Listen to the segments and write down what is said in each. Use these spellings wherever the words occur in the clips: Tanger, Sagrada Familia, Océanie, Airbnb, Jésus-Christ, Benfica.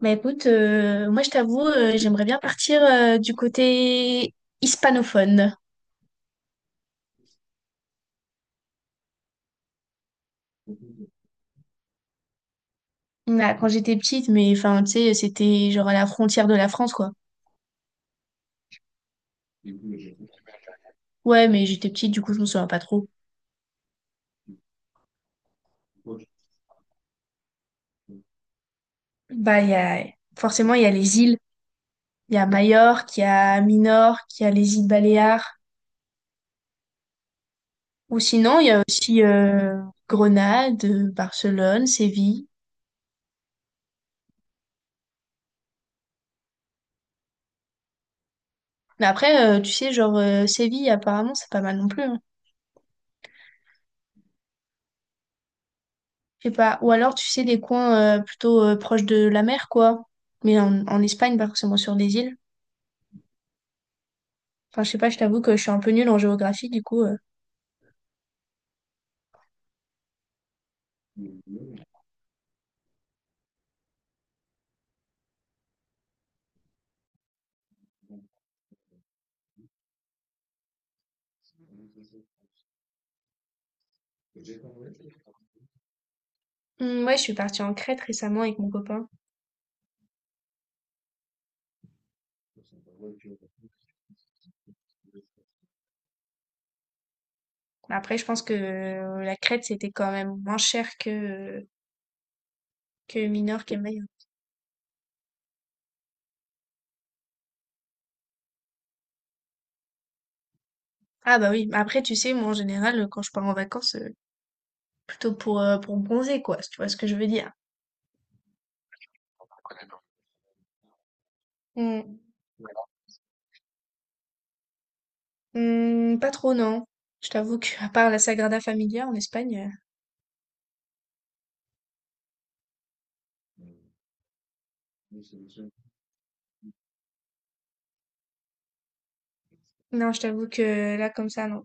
Bah écoute, moi je t'avoue, j'aimerais bien partir du côté hispanophone. Bah, quand j'étais petite, mais enfin, tu sais, c'était genre à la frontière de la France, quoi. Ouais, mais j'étais petite, du coup, je me souviens pas trop. Bah, forcément, il y a les îles. Il y a Majorque, il y a Minorque, il y a les îles Baléares. Ou sinon, il y a aussi Grenade, Barcelone, Séville. Mais après, tu sais, genre, Séville, apparemment, c'est pas mal non plus, hein. Je sais pas. Ou alors, tu sais, des coins plutôt proches de la mer, quoi. Mais en Espagne, pas forcément sur des îles. Enfin, je sais pas, je t'avoue que je suis un peu nulle en géographie, du coup. Ouais, je suis partie en Crète récemment avec mon copain. Après, je pense que la Crète, c'était quand même moins cher que Minorque et Mayotte. Ah bah oui, après, tu sais, moi, en général, quand je pars en vacances, plutôt pour bronzer, quoi, si tu vois ce que je veux dire. Hum, pas trop, non. Je t'avoue que, à part la Sagrada Familia en Espagne, non, je t'avoue que là, comme ça, non.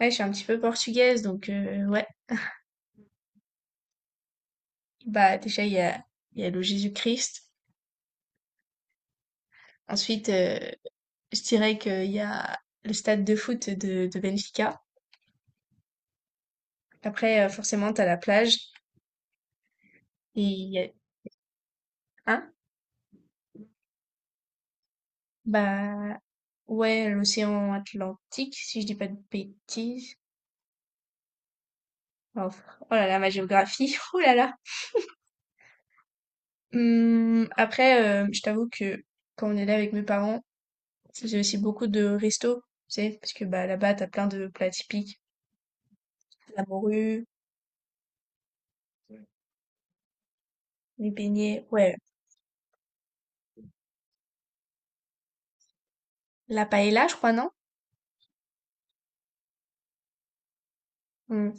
Ouais, je suis un petit peu portugaise, donc ouais. Bah, déjà, il y a le Jésus-Christ. Ensuite, je dirais qu'il y a le stade de foot de Benfica. Après, forcément, t'as la plage et il y a, hein? Bah, ouais, l'océan Atlantique, si je dis pas de bêtises. Oh, oh là là, ma géographie, oh là là! Mmh, après, je t'avoue que quand on est là avec mes parents, je faisais aussi beaucoup de restos, tu sais? Parce que, bah, là-bas, t'as plein de plats typiques, la morue. Les beignets, ouais. La paella, je crois, non? Hmm.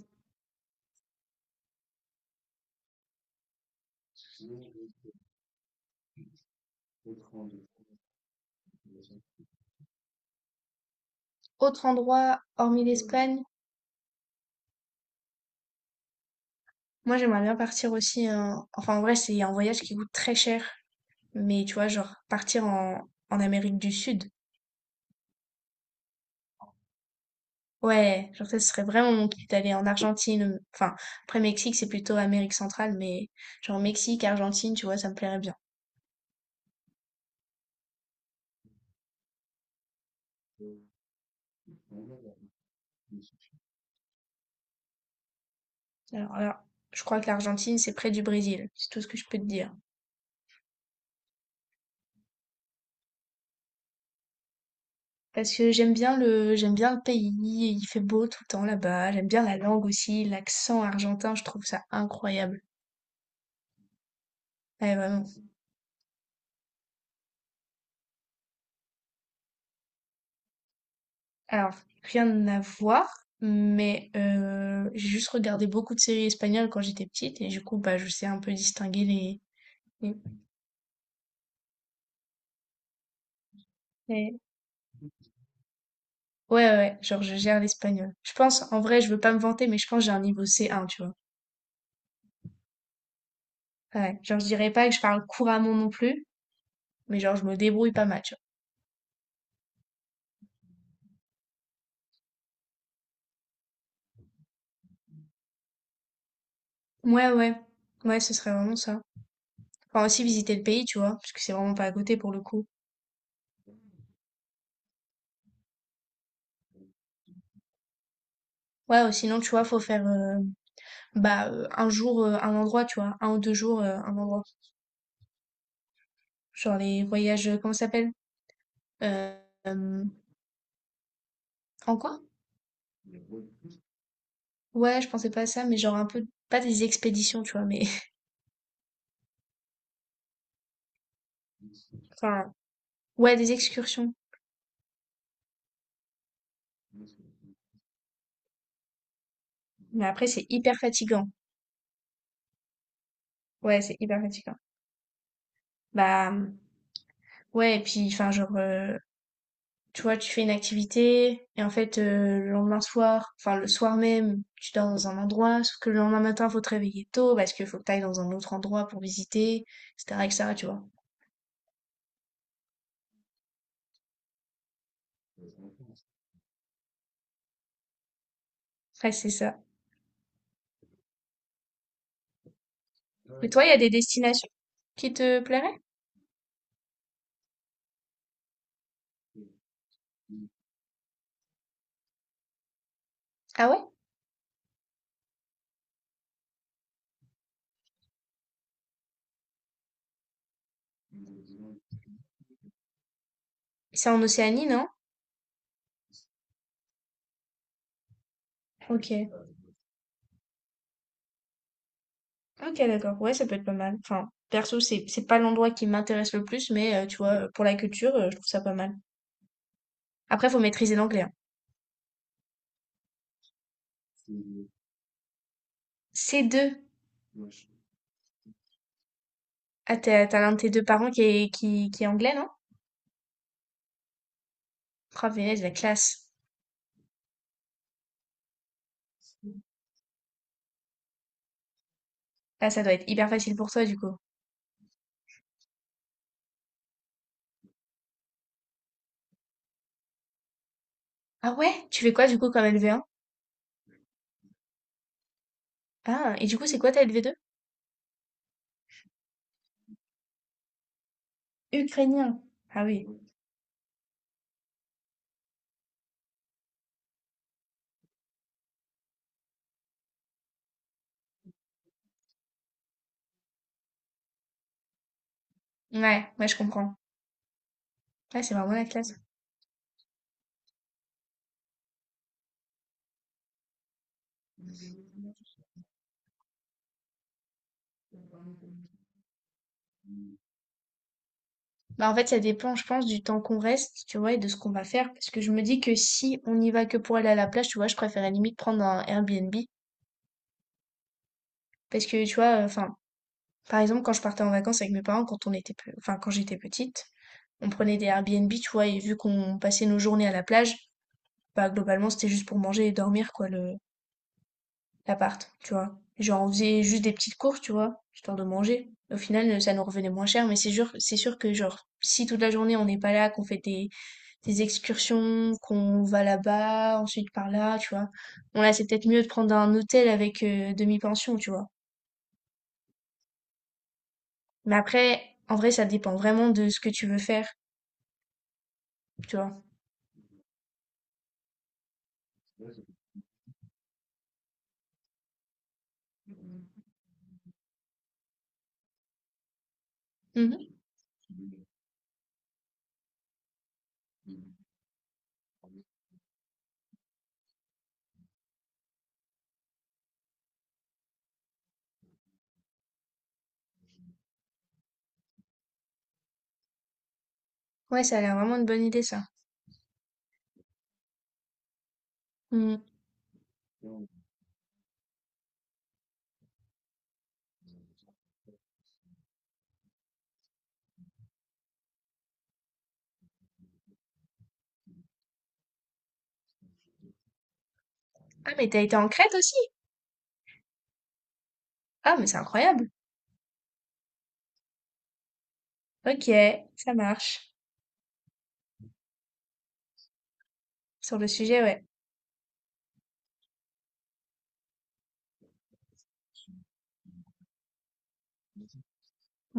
Autre endroit, hormis l'Espagne, moi j'aimerais bien partir aussi. Enfin, en vrai, c'est un voyage qui coûte très cher. Mais tu vois, genre, partir en Amérique du Sud. Ouais, genre, ça ce serait vraiment mon kiff d'aller en Argentine. Enfin, après Mexique, c'est plutôt Amérique centrale, mais genre Mexique, Argentine, tu vois, ça me plairait bien. Alors là, je crois que l'Argentine, c'est près du Brésil. C'est tout ce que je peux te dire. Parce que j'aime bien le pays, il fait beau tout le temps là-bas, j'aime bien la langue aussi, l'accent argentin, je trouve ça incroyable. Ouais, vraiment. Alors, rien à voir, mais j'ai juste regardé beaucoup de séries espagnoles quand j'étais petite et du coup, bah, je sais un peu distinguer les. les- les- Ouais, ouais, ouais, genre je gère l'espagnol. Je pense, en vrai, je veux pas me vanter, mais je pense que j'ai un niveau C1, tu vois. Ouais, genre je dirais pas que je parle couramment non plus, mais genre je me débrouille pas mal, tu vois. Ouais, ouais, ouais, ce serait vraiment ça. Enfin, aussi visiter le pays, tu vois, parce que c'est vraiment pas à côté pour le coup. Ouais, ou sinon, tu vois, faut faire un jour, un endroit, tu vois, un ou deux jours, un endroit. Genre les voyages, comment ça s'appelle? Euh, euh, en quoi? Ouais, je pensais pas à ça, mais genre un peu, pas des expéditions, tu vois, mais enfin, ouais, des excursions. Mais après, c'est hyper fatigant. Ouais, c'est hyper fatigant. Bah, ouais, et puis, enfin, tu vois, tu fais une activité et en fait, le lendemain soir, enfin le soir même, tu dors dans un endroit, sauf que le lendemain matin, faut te réveiller tôt parce qu'il faut que t'ailles dans un autre endroit pour visiter, etc., etc., tu vois. Ouais, c'est ça. Mais toi, il y a des destinations qui te plairaient? Ah ouais? C'est en Océanie, non? Ok. Ok, d'accord. Ouais, ça peut être pas mal. Enfin, perso, c'est pas l'endroit qui m'intéresse le plus, mais tu vois, pour la culture, je trouve ça pas mal. Après, faut maîtriser l'anglais, hein. C2. Ah, t'as l'un de tes deux parents qui est anglais, non? Oh punaise, la classe. Ah, ça doit être hyper facile pour toi, du coup. Ah ouais? Tu fais quoi, du coup, comme LV1? Ah, et du coup, c'est quoi ta LV2? Ukrainien. Ah oui. Ouais, ouais, je comprends. Ouais, c'est vraiment la classe. Bah, en fait, ça dépend, je pense, du temps qu'on reste, tu vois, et de ce qu'on va faire. Parce que je me dis que si on y va que pour aller à la plage, tu vois, je préférais limite prendre un Airbnb. Parce que, tu vois, enfin, par exemple, quand je partais en vacances avec mes parents, quand on était, enfin, quand j'étais petite, on prenait des Airbnb, tu vois, et vu qu'on passait nos journées à la plage, bah, globalement, c'était juste pour manger et dormir, quoi, l'appart, tu vois. Genre, on faisait juste des petites courses, tu vois, histoire de manger. Au final, ça nous revenait moins cher, mais c'est sûr que, genre, si toute la journée on n'est pas là, qu'on fait des excursions, qu'on va là-bas, ensuite par là, tu vois, bon là, c'est peut-être mieux de prendre un hôtel avec demi-pension, tu vois. Mais après, en vrai, ça dépend vraiment de ce que tu veux faire, tu vois. Mhm. Ouais, ça a l'air vraiment une bonne idée, ça. Mhm. Ah, mais t'as été en Crète aussi? Ah, mais c'est incroyable. Ok, ça marche. Sur le sujet, ouais.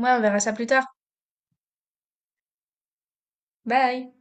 Moi, on verra ça plus tard. Bye!